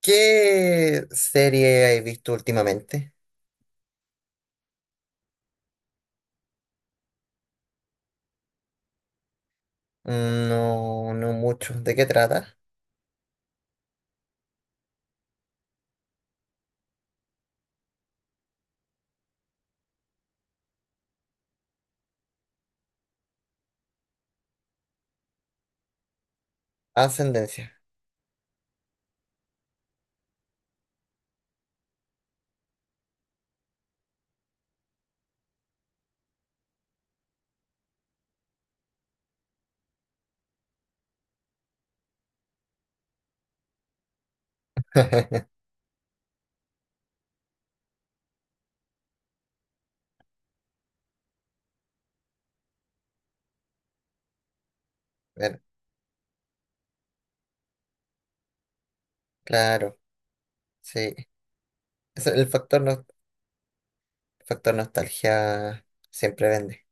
¿Qué serie he visto últimamente? No, no mucho. ¿De qué trata? Ascendencia. Bueno, claro, sí. Es el factor, no- factor nostalgia siempre vende.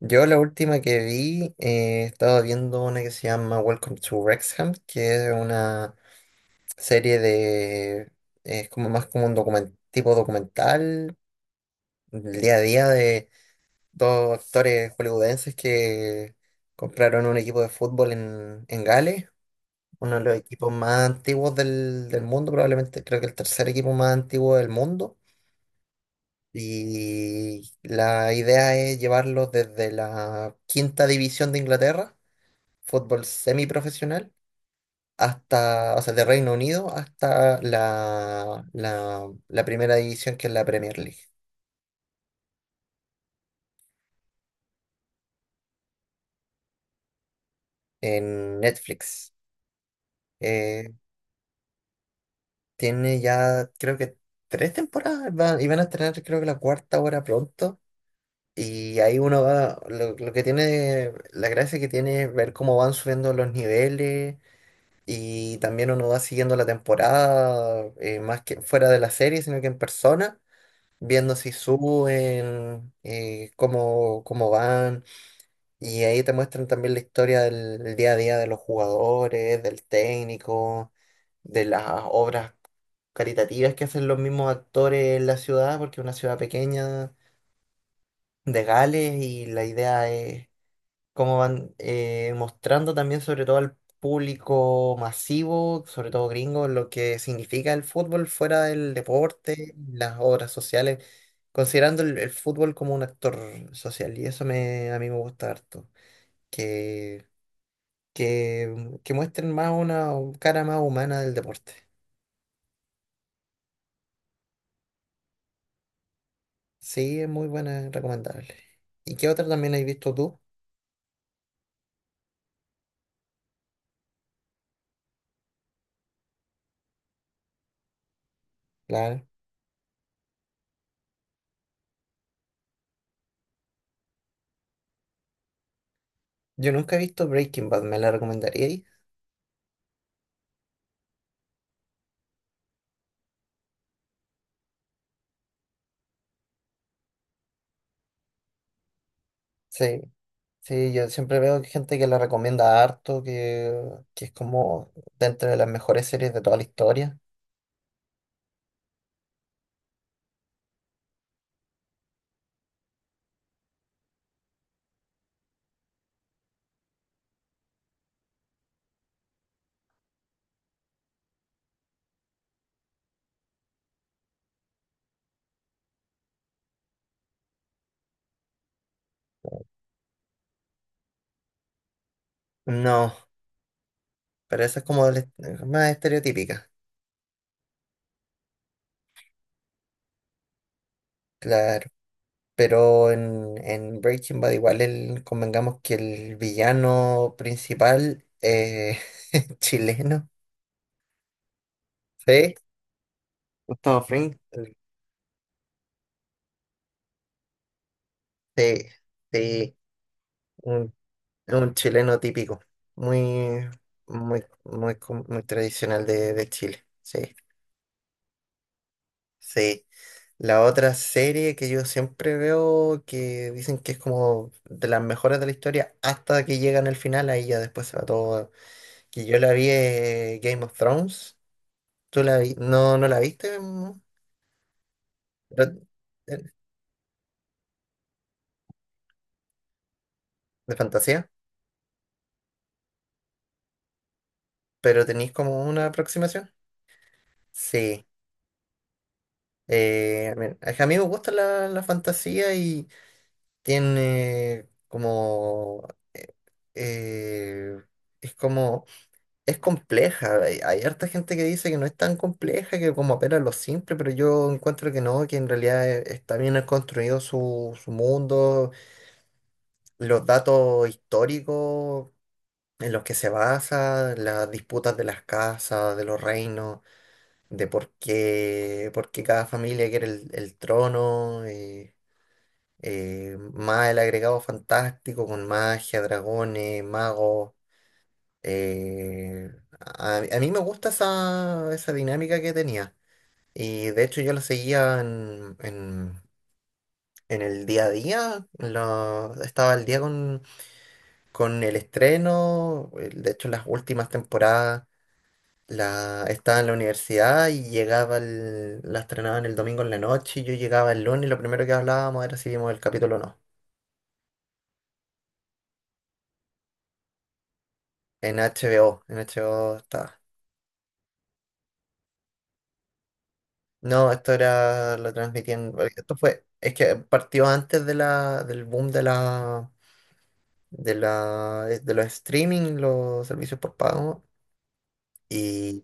Yo la última que vi, estaba viendo una que se llama Welcome to Wrexham, que es una serie de... Es como más como un tipo documental, el día a día de dos actores hollywoodenses que compraron un equipo de fútbol en Gales, uno de los equipos más antiguos del mundo, probablemente creo que el tercer equipo más antiguo del mundo. Y la idea es llevarlos desde la quinta división de Inglaterra, fútbol semiprofesional, hasta, o sea, de Reino Unido hasta la primera división que es la Premier League en Netflix. Eh, Tiene ya, creo que tres y van a estrenar, creo que la cuarta ahora pronto. Y ahí uno va, lo que tiene, la gracia que tiene es ver cómo van subiendo los niveles y también uno va siguiendo la temporada, más que fuera de la serie, sino que en persona, viendo si suben, cómo van. Y ahí te muestran también la historia del día a día de los jugadores, del técnico de las obras caritativas que hacen los mismos actores en la ciudad, porque es una ciudad pequeña de Gales y la idea es cómo van mostrando también sobre todo al público masivo, sobre todo gringo, lo que significa el fútbol fuera del deporte, las obras sociales, considerando el fútbol como un actor social y eso me, a mí me gusta harto, que, que muestren más una cara más humana del deporte. Sí, es muy buena, recomendable. ¿Y qué otra también has visto tú? Claro. Yo nunca he visto Breaking Bad, ¿me la recomendaríais? Sí, sí, yo siempre veo gente que la recomienda harto, que es como dentro de las mejores series de toda la historia. No, pero esa es como más estereotípica, claro. Pero en Breaking Bad igual el, convengamos que el villano principal chileno. Sí, Gustavo Fring. Sí, sí. Un, un chileno típico, muy, muy tradicional de Chile. Sí, sí. La otra serie que yo siempre veo que dicen que es como de las mejores de la historia hasta que llegan al final, ahí ya después se va todo. Que yo la vi Game of Thrones. ¿Tú la vi? No, no la viste, ¿no? Pero- eh, de fantasía, pero tenéis como una aproximación. Sí. Eh, a mí a mí me gusta la fantasía tiene como... eh, eh, es como... Es compleja. Hay harta gente que dice que no es tan compleja, que como apela a lo simple, pero yo encuentro que no, que en realidad está bien construido su mundo, los datos históricos en los que se basa, las disputas de las casas, de los reinos, de por qué cada familia quiere el trono. Más el agregado fantástico con magia, dragones, magos. eh, a mí me gusta esa dinámica que tenía. Y de hecho yo la seguía en el día a día. Estaba al día con el estreno. De hecho las últimas temporadas estaba en la universidad y llegaba la estrenaban el domingo en la noche y yo llegaba el lunes y lo primero que hablábamos era si vimos el capítulo o no. En HBO, en HBO está. No, esto era, lo transmitían, esto fue, es que partió antes de del boom de de los streaming, los servicios por pago, y,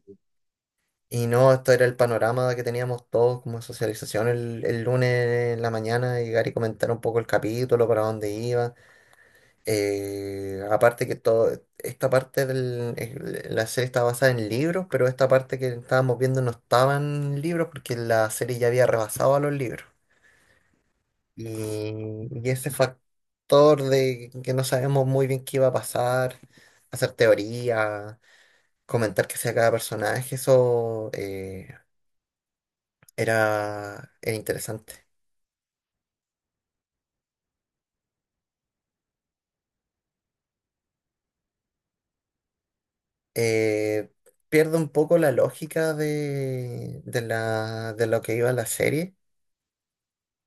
y no, esto era el panorama que teníamos todos como socialización el lunes en la mañana, llegar y comentar un poco el capítulo, para dónde iba. Eh, aparte que todo, Esta parte la serie estaba basada en libros, pero esta parte que estábamos viendo no estaban libros porque la serie ya había rebasado a los libros. Y, y ese factor de que no sabemos muy bien qué iba a pasar, hacer teoría, comentar qué hacía cada personaje, eso era, era interesante. Eh, Pierde un poco la lógica de lo que iba la serie.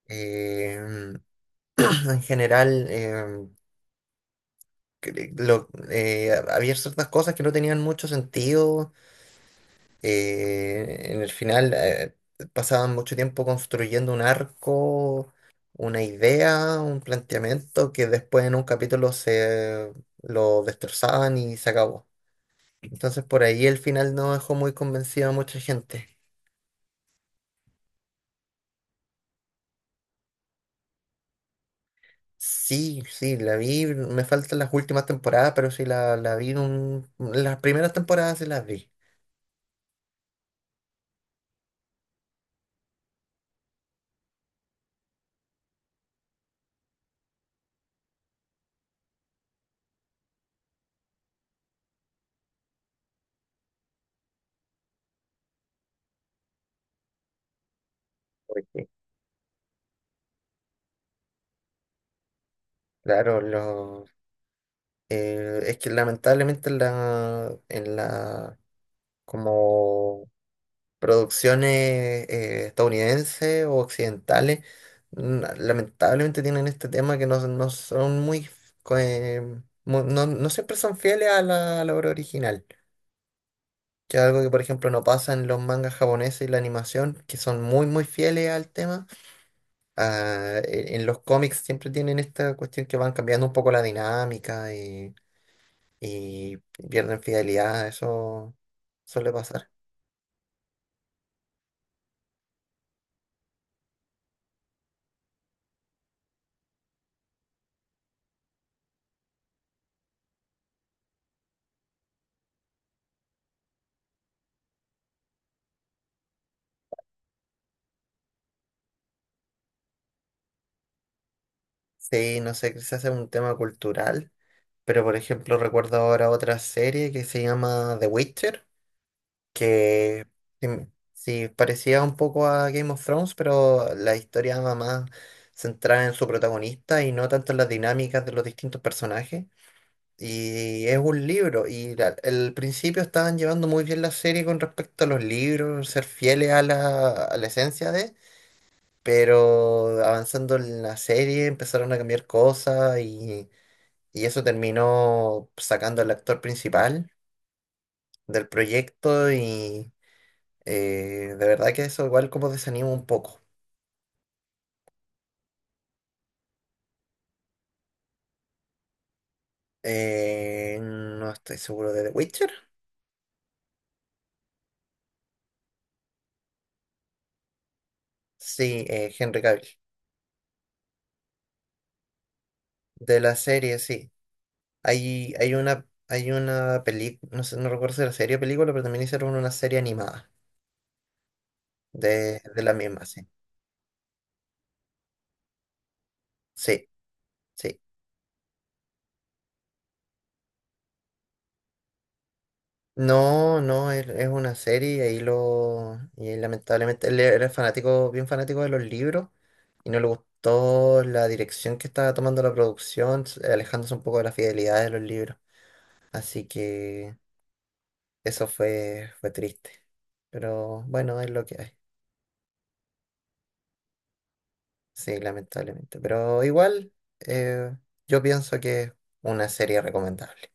Eh, en general, había ciertas cosas que no tenían mucho sentido. En el final, pasaban mucho tiempo construyendo un arco, una idea, un planteamiento que después en un capítulo se lo destrozaban y se acabó. Entonces, por ahí el final no dejó muy convencido a mucha gente. Sí, sí, la vi, me faltan las últimas temporadas, pero sí la vi, las primeras temporadas sí las vi. Porque, claro, es que lamentablemente en la como producciones estadounidenses o occidentales, lamentablemente tienen este tema que no son muy, co- eh, no, no siempre son fieles a a la obra original, que es algo que por ejemplo no pasa en los mangas japoneses y la animación, que son muy muy fieles al tema. En los cómics siempre tienen esta cuestión que van cambiando un poco la dinámica y pierden fidelidad, eso suele pasar. Sí, no sé, quizás es un tema cultural, pero por ejemplo recuerdo ahora otra serie que se llama The Witcher, que sí, sí, parecía un poco a Game of Thrones, pero la historia va más centrada en su protagonista y no tanto en las dinámicas de los distintos personajes. Y es un libro, y al principio estaban llevando muy bien la serie con respecto a los libros, ser fieles a a la esencia de... pero avanzando en la serie empezaron a cambiar cosas y eso terminó sacando al actor principal del proyecto y de verdad que eso igual como desanima un poco. No estoy seguro de The Witcher. Sí, Henry Cavill. De la serie, sí. Hay una película, no sé, no recuerdo si era serie o película, pero también hicieron una serie animada de la misma, sí. Sí, sí. No, no, es una serie y ahí lo... Y ahí, lamentablemente él era fanático, bien fanático de los libros y no le gustó la dirección que estaba tomando la producción, alejándose un poco de la fidelidad de los libros. Así que eso fue, fue triste. Pero bueno, es lo que hay. Sí, lamentablemente. Pero igual, eh, yo pienso que es una serie recomendable.